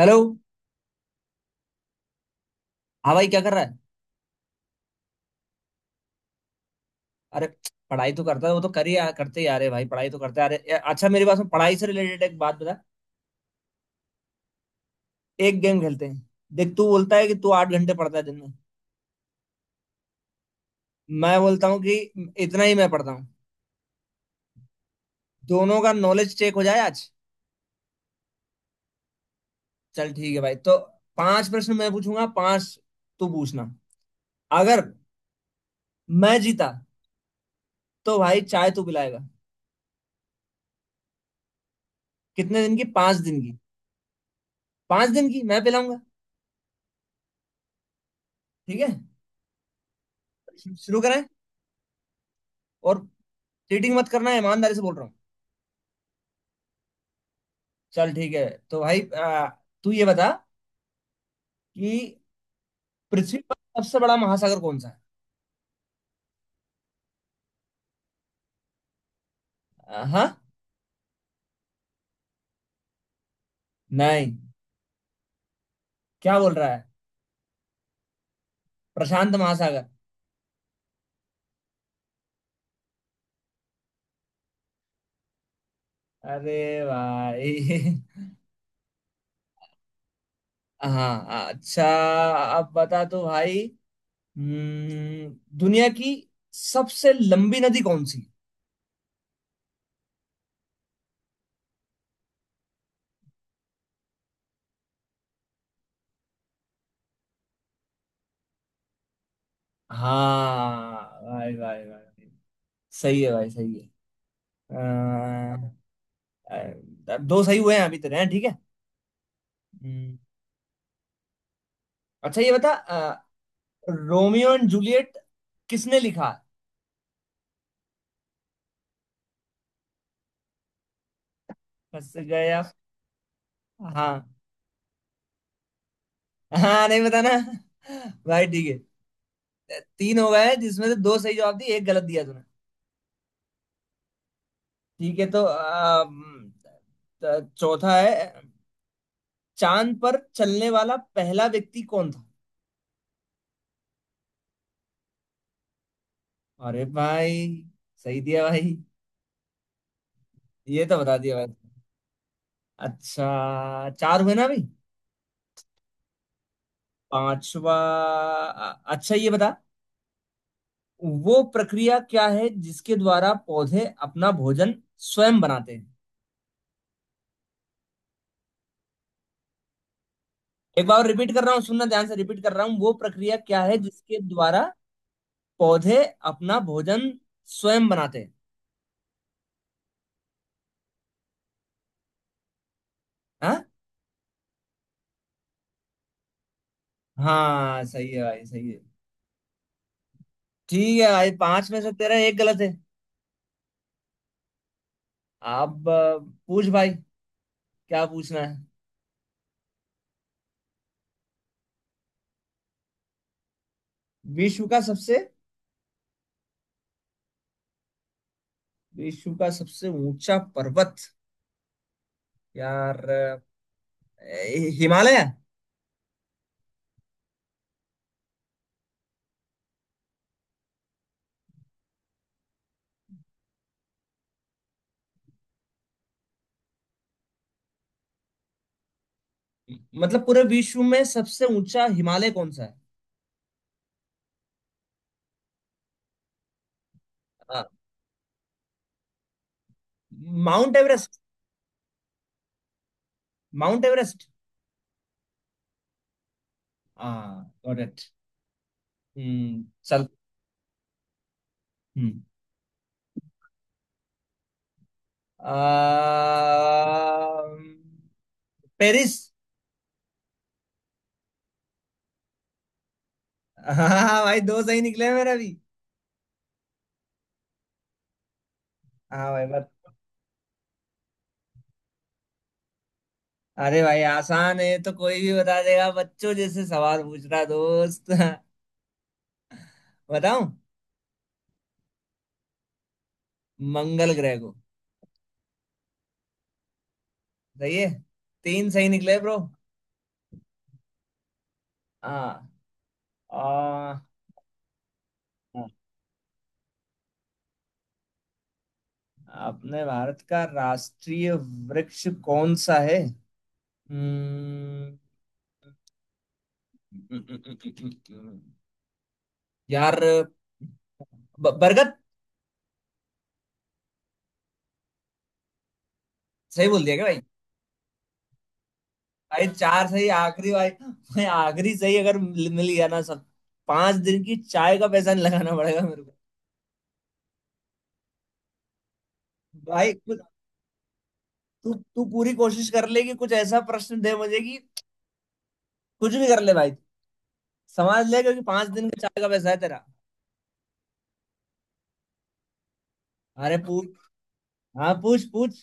Hello. हाँ भाई, क्या कर रहा है? अरे, पढ़ाई तो करता है। वो तो कर ही करते ही आ रहे भाई, पढ़ाई तो करते आ रहे। अच्छा, मेरे पास में पढ़ाई से रिलेटेड एक बात बता। एक गेम खेलते हैं। देख, तू बोलता है कि तू 8 घंटे पढ़ता है दिन में। मैं बोलता हूँ कि इतना ही मैं पढ़ता हूँ। दोनों का नॉलेज चेक हो जाए आज। चल ठीक है भाई, तो पांच प्रश्न मैं पूछूंगा, पांच तू पूछना। अगर मैं जीता तो भाई चाय तू पिलाएगा। कितने दिन की? 5 दिन की? 5 दिन की मैं पिलाऊंगा। ठीक है। शुरू करें। और चीटिंग मत करना, ईमानदारी से बोल रहा हूँ। चल ठीक है। तो भाई, तू ये बता कि पृथ्वी पर सबसे बड़ा महासागर कौन सा है? हाँ, नहीं, क्या बोल रहा है? प्रशांत महासागर। अरे भाई। हाँ अच्छा। अब बता तो भाई, दुनिया की सबसे लंबी नदी कौन सी है? हाँ भाई भाई भाई, सही है भाई, सही है। अ, अ, दो सही हुए हैं अभी तेरे, हैं ठीक है। हम्म, अच्छा ये बता, रोमियो एंड जूलियट किसने लिखा? फंस गया। हाँ। हाँ नहीं बताना भाई, ठीक है। तीन हो गए, जिसमें से दो सही जवाब दिए, एक गलत दिया तूने। ठीक है, तो चौथा है, चांद पर चलने वाला पहला व्यक्ति कौन था? अरे भाई, सही दिया भाई, ये तो बता दिया भाई। अच्छा, चार हुए ना अभी। पांचवा। अच्छा ये बता, वो प्रक्रिया क्या है जिसके द्वारा पौधे अपना भोजन स्वयं बनाते हैं? एक बार रिपीट कर रहा हूँ, सुनना ध्यान से। रिपीट कर रहा हूँ, वो प्रक्रिया क्या है जिसके द्वारा पौधे अपना भोजन स्वयं बनाते हैं? हाँ। हाँ सही है भाई, सही है। ठीक है भाई, पांच में से तेरा एक गलत है। अब पूछ भाई, क्या पूछना है? विश्व का सबसे, विश्व का सबसे ऊंचा पर्वत? यार, हिमालय। मतलब पूरे विश्व में सबसे ऊंचा हिमालय कौन सा है? Mount Everest. Mount Everest. हाँ गॉट इट। हम्म, चल। हम्म। अम्म, पेरिस। हाँ भाई, दो सही निकले मेरा भी। हाँ भाई, बस। अरे भाई, आसान है तो कोई भी बता देगा, बच्चों जैसे सवाल पूछ रहा दोस्त। बताऊं? मंगल ग्रह को। सही है। तीन सही निकले, ब्रो। हाँ। आ, अपने भारत का राष्ट्रीय वृक्ष कौन सा है? हम्म। यार, बरगद। सही बोल दिया क्या भाई? भाई, चार सही। आखिरी भाई भाई, आखिरी सही अगर मिल मिल गया ना सब, 5 दिन की चाय का पैसा नहीं लगाना पड़ेगा मेरे को। भाई, तू तू पूरी कोशिश कर ले कि कुछ ऐसा प्रश्न दे मुझे कि, कुछ भी कर ले भाई, समझ ले, क्योंकि 5 दिन का चाय का पैसा है तेरा। अरे पूछ। हाँ, पूछ पूछ।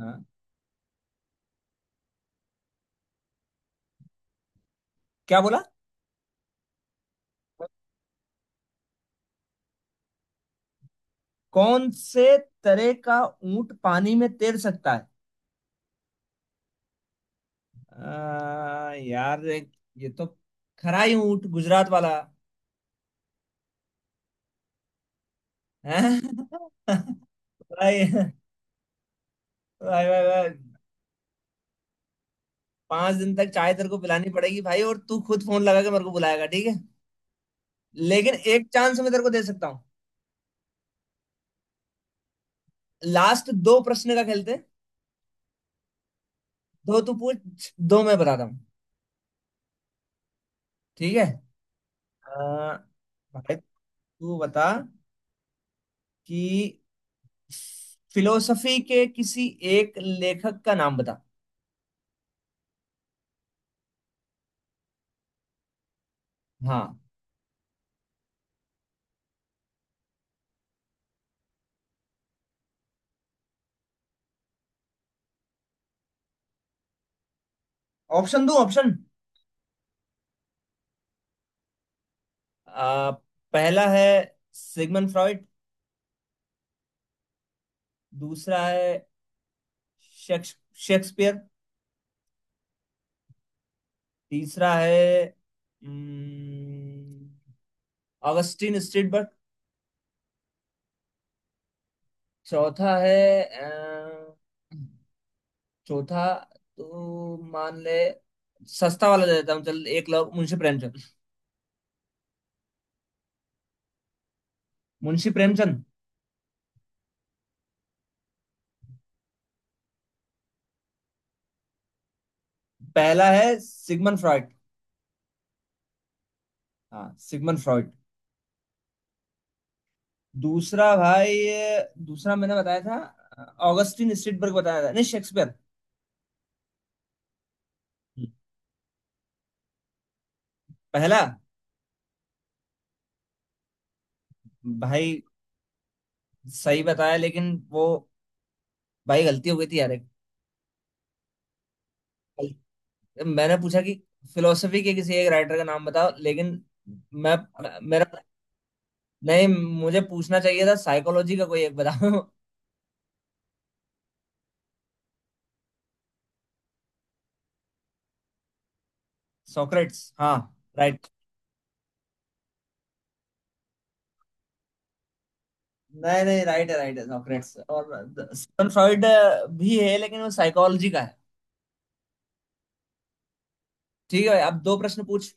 हाँ। क्या बोला? कौन से तरह का ऊंट पानी में तैर सकता है? यार, ये तो खराई ऊंट, गुजरात वाला। हैं? भाई भाई भाई। भाई, 5 दिन तक चाय तेरे को पिलानी पड़ेगी भाई, और तू खुद फोन लगा के मेरे को बुलाएगा, ठीक है। लेकिन एक चांस मैं तेरे को दे सकता हूँ। लास्ट दो प्रश्न का खेलते हैं। दो तू पूछ, दो मैं बताता हूँ। ठीक है। आ, भाई, तू बता कि फिलोसफी के किसी एक लेखक का नाम बता। हाँ। ऑप्शन दूं? ऑप्शन आ, पहला है सिगमंड फ्रॉइड। दूसरा है शेक्स- शेक्सपियर। तीसरा है हम्म, ऑगस्टिन स्ट्रीटबर्ग। चौथा है अ, चौथा तो मान ले, सस्ता वाला दे देता हूँ, चल एक लोग मुंशी प्रेमचंद। मुंशी प्रेमचंद। पहला है सिगमंड फ्रॉइड। हाँ, सिगमंड फ्रॉइड। दूसरा भाई, दूसरा मैंने बताया था ऑगस्टिन स्ट्रीटबर्ग बताया था, नहीं शेक्सपियर। हम्म। पहला। भाई, सही बताया लेकिन वो, भाई गलती हो गई थी यार। एक, मैंने पूछा कि फिलोसफी के किसी एक राइटर का नाम बताओ, लेकिन मैं, मेरा, नहीं मुझे पूछना चाहिए था साइकोलॉजी का कोई एक बताओ। सोक्रेट्स, हाँ। राइट, नहीं नहीं, राइट है राइट है। सोक्रेट्स और सिमन फ्रॉइड भी है, लेकिन वो साइकोलॉजी का है। ठीक है भाई, अब दो प्रश्न पूछ।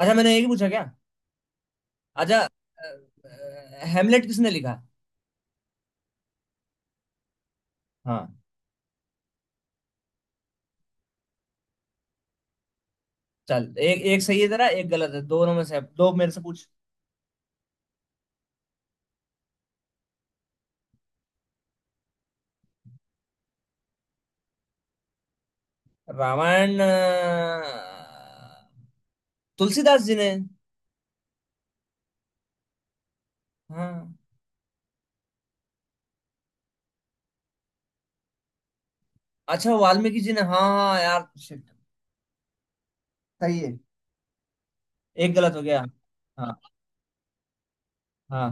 अच्छा, मैंने एक ही पूछा क्या? अच्छा हेमलेट किसने लिखा? हाँ। चल, एक एक सही है तेरा, एक गलत है। दोनों में से दो मेरे से पूछ। रामायण तुलसीदास जी ने। हाँ। अच्छा, वाल्मीकि जी ने, हाँ हाँ हाँ, यार शिट। सही है। एक गलत हो गया। हाँ। हाँ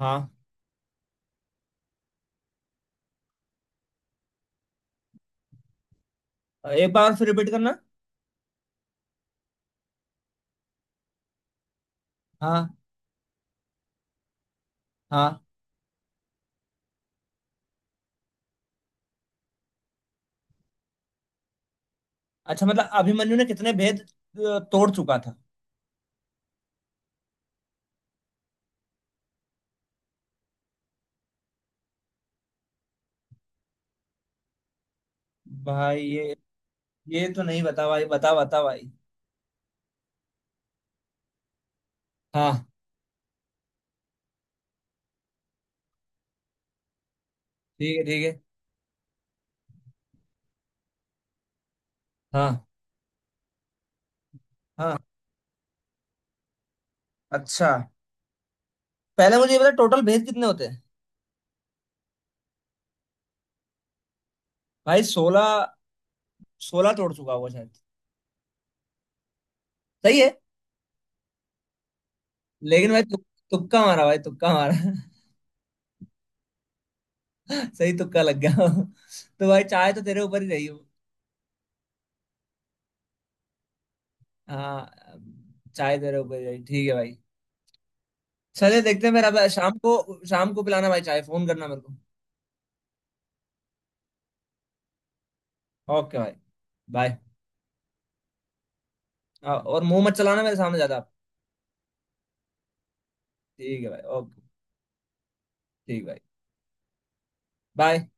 हाँ। एक बार फिर रिपीट करना। हाँ। हाँ। अच्छा मतलब अभिमन्यु ने कितने भेद तोड़ चुका था? भाई ये तो नहीं बता भाई, बता बता भाई। हाँ, ठीक है ठीक है। हाँ। हाँ। अच्छा, पहले मुझे ये बता, टोटल भेद कितने होते हैं? भाई, 16। 16 तोड़ चुका होगा शायद। सही है। लेकिन भाई, तुक्का मारा भाई, तुक्का मारा। सही तुक्का लग गया। तो भाई चाय तो तेरे ऊपर ही रही हूँ। हाँ। चाय तेरे ऊपर ही रही, ठीक है भाई। चले देखते हैं मेरा भाई, शाम को पिलाना भाई चाय, फोन करना मेरे को। ओके भाई, बाय। और मुंह मत चलाना मेरे सामने ज्यादा आप। ठीक है भाई, ओके। ठीक भाई। बाय।